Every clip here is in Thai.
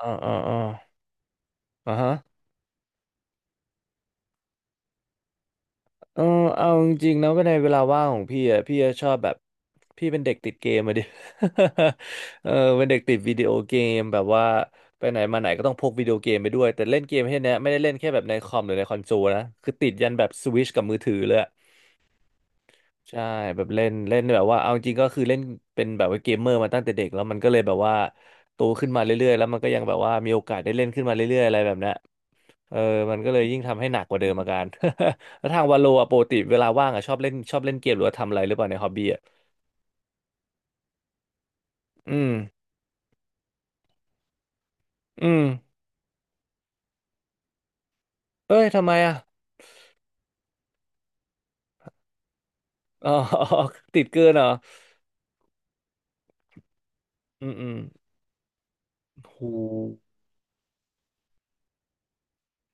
อ่าอ่าอ่าอ่าฮะเออเอาจริงๆนะก็ในเวลาว่างของพี่อ่ะพี่จะชอบแบบพี่เป็นเด็กติดเกมอะดิ เออเป็นเด็กติดวิดีโอเกมแบบว่าไปไหนมาไหนก็ต้องพกวิดีโอเกมไปด้วยแต่เล่นเกมแค่เนี้ยไม่ได้เล่นแค่แบบในคอมหรือในคอนโซลนะคือติดยันแบบสวิชกับมือถือเลยอะใช่แบบเล่นเล่นแบบว่าเอาจริงก็คือเล่นเป็นแบบว่าเกมเมอร์มาตั้งแต่เด็กแล้วมันก็เลยแบบว่าโตขึ้นมาเรื่อยๆแล้วมันก็ยังแบบว่ามีโอกาสได้เล่นขึ้นมาเรื่อยๆอะไรแบบเนี้ย เออมันก็เลยยิ่งทำให้หนักกว่าเดิมอาการ แล้วทางวาโลอะปกติเวลาว่างอะชอบเล่นเกมหรือว่าทำอะไรหรือเปล่าในฮอบบี้อะอืมอืมเอ้ยทำไมอะอ๋อ ติดเกินเหรออืมอืมหู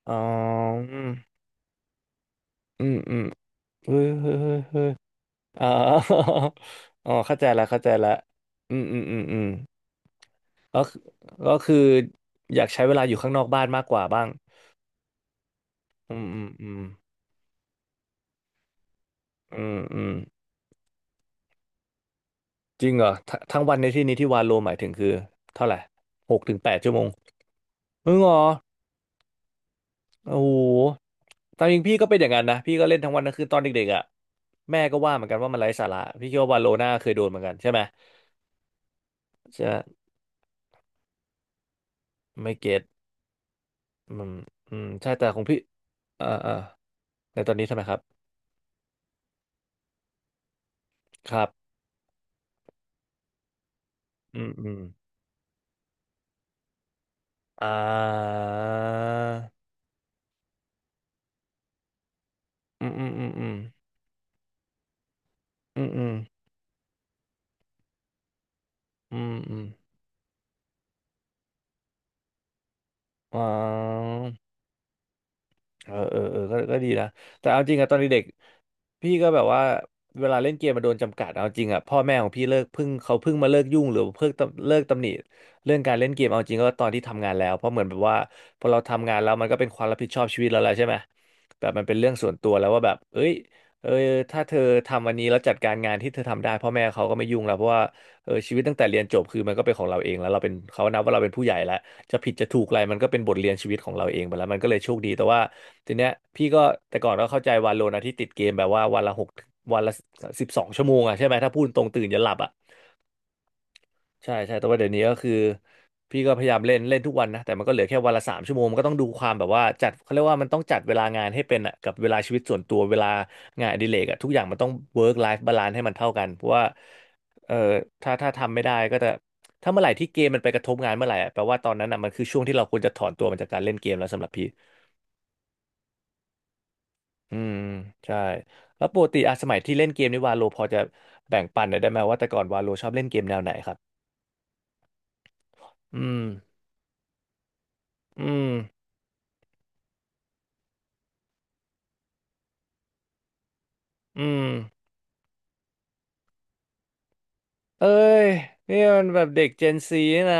อ๋ออืมอืมอืมเฮ้ยเฮ้ยเฮ้ยเฮ้ยอ๋อ อ๋อเข้าใจละเข้าใจละอืมอืมอืมอืมก็คือก็คืออยากใช้เวลาอยู่ข้างนอกบ้านมากกว่าบ้างอืมอืมอืมอืมอืม จริงเหรอทั้งวันในที่นี้ที่วาโลหมายถึงคือเท่าไหร่6 ถึง 8 ชั่วโมงมึงเหรอโอ้โหตามจริงพี่ก็เป็นอย่างนั้นนะพี่ก็เล่นทั้งวันทั้งคืนตอนเด็กๆอ่ะแม่ก็ว่าเหมือนกันว่ามันไร้สาระพี่คิดว่าวาโลน่าเคยโดนเหมือนกันใช่ไหมใช่ไม่เก็ตอืมอืมใช่แต่ของพี่อ่าอ่าในตอนนี้ใช่ไหมครับครับอืมอืมอ่าอืมอืมอืมอืมอืมอืมอืมอืมอ่า เออเออเออก็ก็ดีนะแต่เอาจริงอะตอนเด็กๆพี่ก็แบบว่าเวลาเล่นเกมมาโดนจำกัดเอาจริงอะพ่อแม่ของพี่เขาเพิ่งมาเลิกยุ่งหรือเลิกตำหนิเรื่องการเล่นเกมเอาจริงก็ตอนที่ทำงานแล้วเพราะเหมือนแบบว่าพอเราทำงานแล้วมันก็เป็นความรับผิดชอบชีวิตเราแล้วใช่ไหมแบบมันเป็นเรื่องส่วนตัวแล้วว่าแบบเอ้ยเออถ้าเธอทำวันนี้แล้วจัดการงานที่เธอทำได้พ่อแม่เขาก็ไม่ยุ่งแล้วเพราะว่าเออชีวิตตั้งแต่เรียนจบคือมันก็เป็นของเราเองแล้วเราเป็นเขานับว่าเราเป็นผู้ใหญ่แล้วจะผิดจะถูกอะไรมันก็เป็นบทเรียนชีวิตของเราเองไปแล้วมันก็เลยโชคดีแต่ว่า ทีเนี้ยพี่ก็แต่ก่อนก็เข้าใจวาโลนะที่ติดเกมแบบว่าวันละ12 ชั่วโมงอ่ะใช่ไหมถ้าพูดตรงตื่นยันหลับอ่ะใช่ใช่แต่ว่าเดี๋ยวนี้ก็คือพี่ก็พยายามเล่นเล่นทุกวันนะแต่มันก็เหลือแค่วันละ3 ชั่วโมงมันก็ต้องดูความแบบว่าจัดเขาเรียกว่ามันต้องจัดเวลางานให้เป็นอ่ะกับเวลาชีวิตส่วนตัวเวลางานอดิเรกอ่ะทุกอย่างมันต้อง work life balance ให้มันเท่ากันเพราะว่าเออถ้าทำไม่ได้ก็จะถ้าเมื่อไหร่ที่เกมมันไปกระทบงานเมื่อไหร่อะแปลว่าตอนนั้นอ่ะมันคือช่วงที่เราควรจะถอนตัวมาจากการเล่นเกมแล้วสำหรับพี่ อืมใช่แล้วปกติอ่ะสมัยที่เล่นเกมนี่วาโลพอจะแบ่งปันหน่อยได้ไหมว่าแต่ก่อนวาโลชอบเล่นเกมแนวไหนครับอืมอืมอืมเอ้ยนี่มันแบบเด็กเจนซีนะ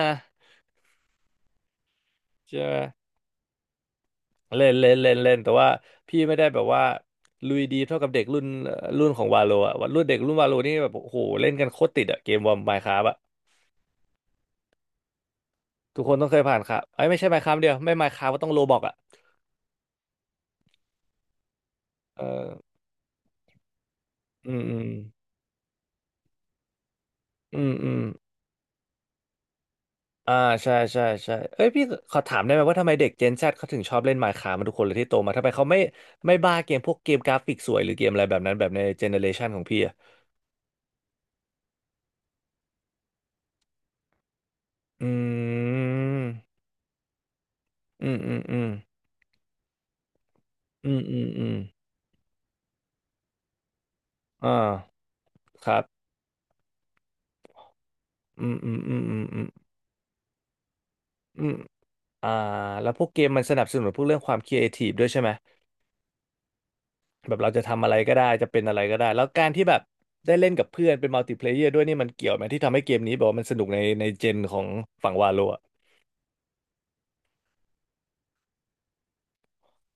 ใช่ไหมเล่นเล่นเล่นเล่นแต่ว่าพี่ไม่ได้แบบว่าลุยดีเท่ากับเด็กรุ่นรุ่นของวาโลอ่ะรุ่นเด็กรุ่นวาโลนี่แบบโอ้โหเล่นกันโคตรติดอ่ะเกมวอร์มายคราฟอ่ะทุกคนต้องเคยผ่านครับไอ้ยไม่ใช่มายคราฟเดียวไม่มายคราฟก็ต้องโลบอกอ่ะเอออืมอืมอืมอืม อ่าใช่ใช่ใช่เอ้ยพี่ขอถามได้ไหมว่าทำไมเด็ก Gen Z เขาถึงชอบเล่น Minecraft มาทุกคนเลยที่โตมาทำไมเขาไม่บ้าเกมพวกเกมกราฟิกสวยหรือเกมอะไรแบบนั้นแบบในเจเนอเรชันของพี่อ่ะอืมอืมอืมอืมอืมอืมอืมอ่าครับอืมอืมอืมอืมอืมอืมอ่าแล้วพวกเกมมันสนับสนุนพวกเรื่องความครีเอทีฟด้วยใช่ไหมแบบเราจะทำอะไรก็ได้จะเป็นอะไรก็ได้แล้วการที่แบบได้เล่นกับเพื่อนเป็นมัลติเพลเยอร์ด้วยนี่มันเกี่ยวไหมที่ทำให้เกมนี้แบบว่ามันสนุกในในเจนของฝั่งวาโลอะ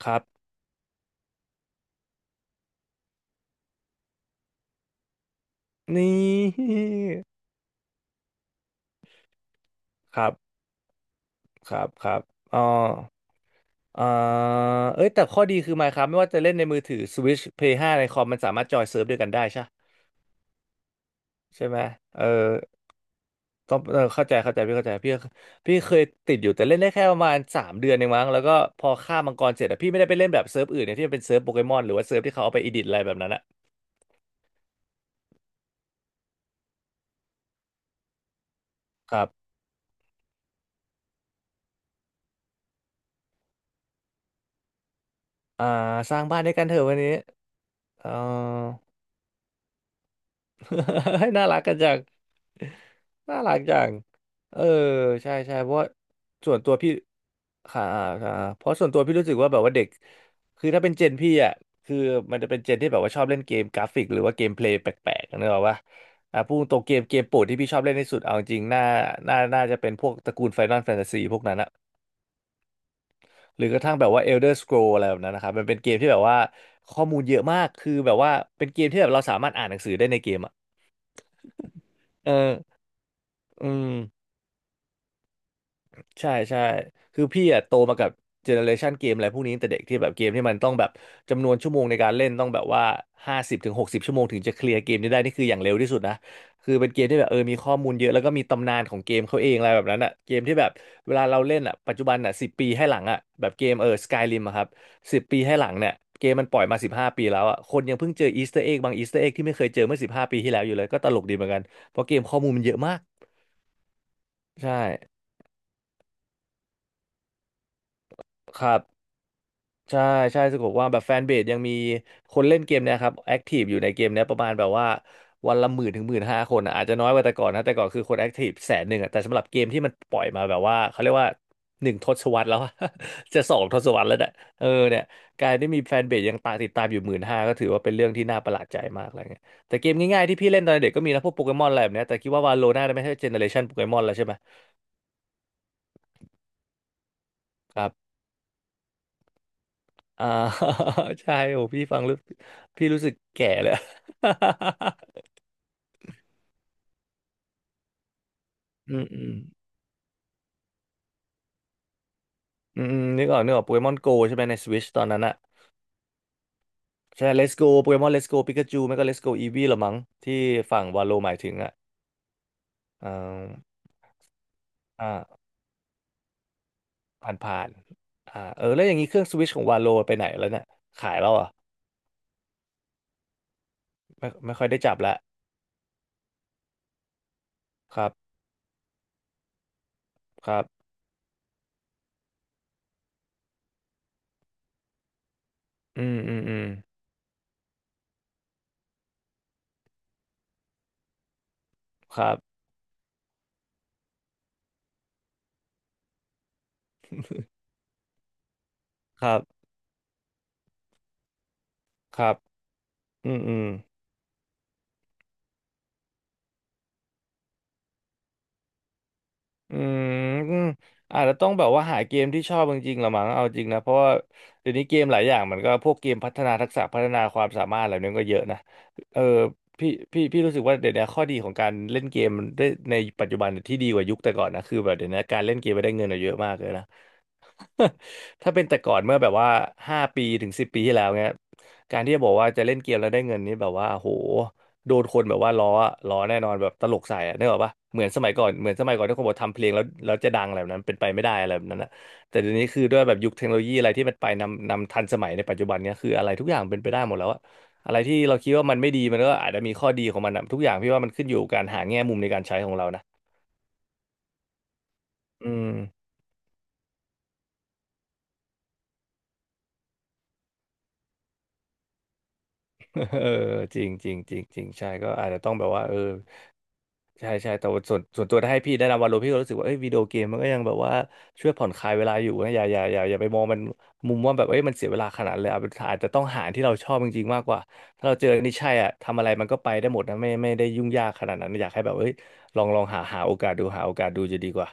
ครับ นี่ครับครับครับอ๋ออ่าเอ้ยแต่ข้อดีคือ Minecraft ไม่ว่าจะเล่นในมือถือ Switch Play 5ในคอมมันสามารถจอยเซิร์ฟด้วยกันได้ใช่ใช่ไหมเออต้องเออเข้าใจเข้าใจพี่เข้าใจพี่พี่เคยติดอยู่แต่เล่นได้แค่ประมาณสามเดือนเองมั้งแล้วก็พอฆ่ามังกรเสร็จอะพี่ไม่ได้ไปเล่นแบบเซิร์ฟอื่นเนี่ยที่มันเป็นเซิร์ฟโปเกมอนหรือว่าเซิร์ฟที่เขาเอาไปอีดิทอะไรแบบนั้นอะครับอ่าสร้างบ้านด้วยกันเถอะวันนี้เออ ให้น่ารักกันจังน่ารักจังเออใช่ใช่เพราะว่าส่วนตัวพี่ค่ะค่ะเพราะส่วนตัวพี่รู้สึกว่าแบบว่าเด็กคือถ้าเป็นเจนพี่อ่ะคือมันจะเป็นเจนที่แบบว่าชอบเล่นเกมกราฟิกหรือว่าเกมเพลย์แปลกๆนึกออกปะอ่ะพูดตรงเกมโปรดที่พี่ชอบเล่นที่สุดเอาจริงๆน่าจะเป็นพวกตระกูล Final Fantasy พวกนั้นอะหรือกระทั่งแบบว่า Elder Scroll อะไรแบบนั้นนะครับมันเป็นเกมที่แบบว่าข้อมูลเยอะมากคือแบบว่าเป็นเกมที่แบบเราสามารถอ่านหนังสือได้ในเกมอะเอออืม ใช่ใช่คือพี่อะโตมากับเจเนอเรชันเกมอะไรพวกนี้ตั้งแต่เด็กที่แบบเกมที่มันต้องแบบจำนวนชั่วโมงในการเล่นต้องแบบว่าห้าสิบถึงหกสิบชั่วโมงถึงจะเคลียร์เกมนี้ได้นี่คืออย่างเร็วที่สุดนะคือเป็นเกมที่แบบเออมีข้อมูลเยอะแล้วก็มีตำนานของเกมเขาเองอะไรแบบนั้นอะเกมที่แบบเวลาเราเล่นอะปัจจุบันอะสิบปีให้หลังอะแบบเกมเออสกายริมครับสิบปีให้หลังเนี่ยเกมมันปล่อยมาสิบห้าปีแล้วอะคนยังเพิ่งเจออีสเตอร์เอ็กบางอีสเตอร์เอ็กที่ไม่เคยเจอเมื่อสิบห้าปีที่แล้วอยู่เลยก็ตลกดีเหมือนกันเพราะเกมข้อมูลมันเยอะมากใช่ครับ ใช่ใช่สะกบว่าแบบแฟนเบสยังมีคนเล่นเกมเนยครับแอคทีฟอยู่ในเกมเนี้ยประมาณแบบว่าวันละหมื่นถึงหมื่นห้าคนอะอาจจะน้อยกว่าแต่ก่อนนะแต่ก่อนคือคนแอคทีฟแสนหนึ่งอะแต่สำหรับเกมที่มันปล่อยมาแบบว่าเขาเรียกว่าหนึ่งทศวรรษแล้วอะ จะสองทศวรรษแล้วเนี่ยเออเนี่ยการที่มีแฟนเบสยังตามติดตามอยู่หมื่นห้าก็ถือว่าเป็นเรื่องที่น่าประหลาดใจมากอะไรเงี้ยแต่เกมง่ายๆที่พี่เล่นตอนเด็กก็มีนะพวกโปเกมอนอะไรแบบเนี้ยแต่คิดว่าวาโลน่าจะไม่ใช่เจเนอเรชันโปเกมอนแล้วใช่ไหมครับ อ่า ใช่โอ้พี่ฟังแล้วพี่รู้สึกแก่เลย อืมอืมอืมอืมนึกออกนึกออกโปเกมอนโกใช่ไหมในสวิชตอนนั้นอะใช่ Let's Go โปเกมอน Let's Go ปิกาจูไม่ก็ Let's Go Eevee ละมั้งที่ฝั่งวาโลหมายถึงอะอ่าอ่าผ่านผ่านอ่าเออแล้วอย่างนี้เครื่องสวิชของวาโลไปไหนแล้วเนี่ยขายแล้วเหรอ่ะไม่ไม่ค่อยได้จับละครับครับอืมอืมอืมครับครับครับอืมอืม อืมอาจจะต้องแบบว่าหาเกมที่ชอบจริงๆละมั้งเอาจริงนะเพราะว่าเดี๋ยวนี้เกมหลายอย่างมันก็พวกเกมพัฒนาทักษะพัฒนาความสามารถอะไรนั้นก็เยอะนะเออพี่รู้สึกว่าเดี๋ยวนี้ข้อดีของการเล่นเกมได้ในปัจจุบันที่ดีกว่ายุคแต่ก่อนนะคือแบบเดี๋ยวนี้การเล่นเกมไปได้เงินอะเยอะมากเลยนะ ถ้าเป็นแต่ก่อนเมื่อแบบว่าห้าปีถึงสิบปีที่แล้วเงี้ยการที่จะบอกว่าจะเล่นเกมแล้วได้เงินนี่แบบว่าโหโดนคนแบบว่าล้อแน่นอนแบบตลกใส่อะนึกออกปะเหมือนสมัยก่อนที่คนบอกทำเพลงแล้วจะดังอะไรแบบนั้นเป็นไปไม่ได้อะไรแบบนั้นนะแต่เดี๋ยวนี้คือด้วยแบบยุคเทคโนโลยีอะไรที่มันไปนำทันสมัยในปัจจุบันเนี้ยคืออะไรทุกอย่างเป็นไปได้หมดแล้วอะอะไรที่เราคิดว่ามันไม่ดีมันก็อาจจะมีข้อดีของมันอะทุกอย่างพี่ว่ามันขึ้นอยู่กับการหาแง่มุมในการใช้ของเรานะอืม เออจริงจริงจริงจริงใช่ก็อาจจะต้องแบบว่าเออใช่ใช่แต่ว่าส่วนตัวถ้าให้พี่แนะนำวาโลพี่ก็รู้สึกว่าเอ้ยวิดีโอเกมมันก็ยังแบบว่าช่วยผ่อนคลายเวลาอยู่นะอย่าไปมองมันมุมว่าแบบเอ้ยมันเสียเวลาขนาดนั้นเลยเอาเป็นอาจจะต้องหาที่เราชอบจริงๆมากกว่าถ้าเราเจออันนี่ใช่อ่ะทำอะไรมันก็ไปได้หมดนะไม่ได้ยุ่งยากขนาดนั้นอยากให้แบบเอ้ยลองหาโอกาสดูหาโอกาสดูจะดีกว่า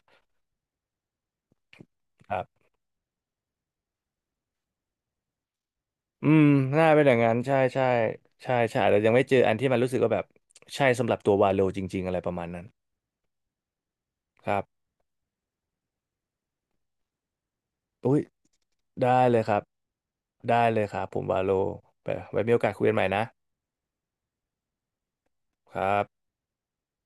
ครับอืมน่าเป็นอย่างนั้นใช่ใช่ใช่ใช่อาจจะยังไม่เจออันที่มันรู้สึกว่าแบบใช่สำหรับตัววาโลจริงๆอะไรประมาณนั้นครับ อุ้ยได้เลยครับได้เลยครับผมวาโลไปไว้มีโอกาสคุยกันใหม่นะครับ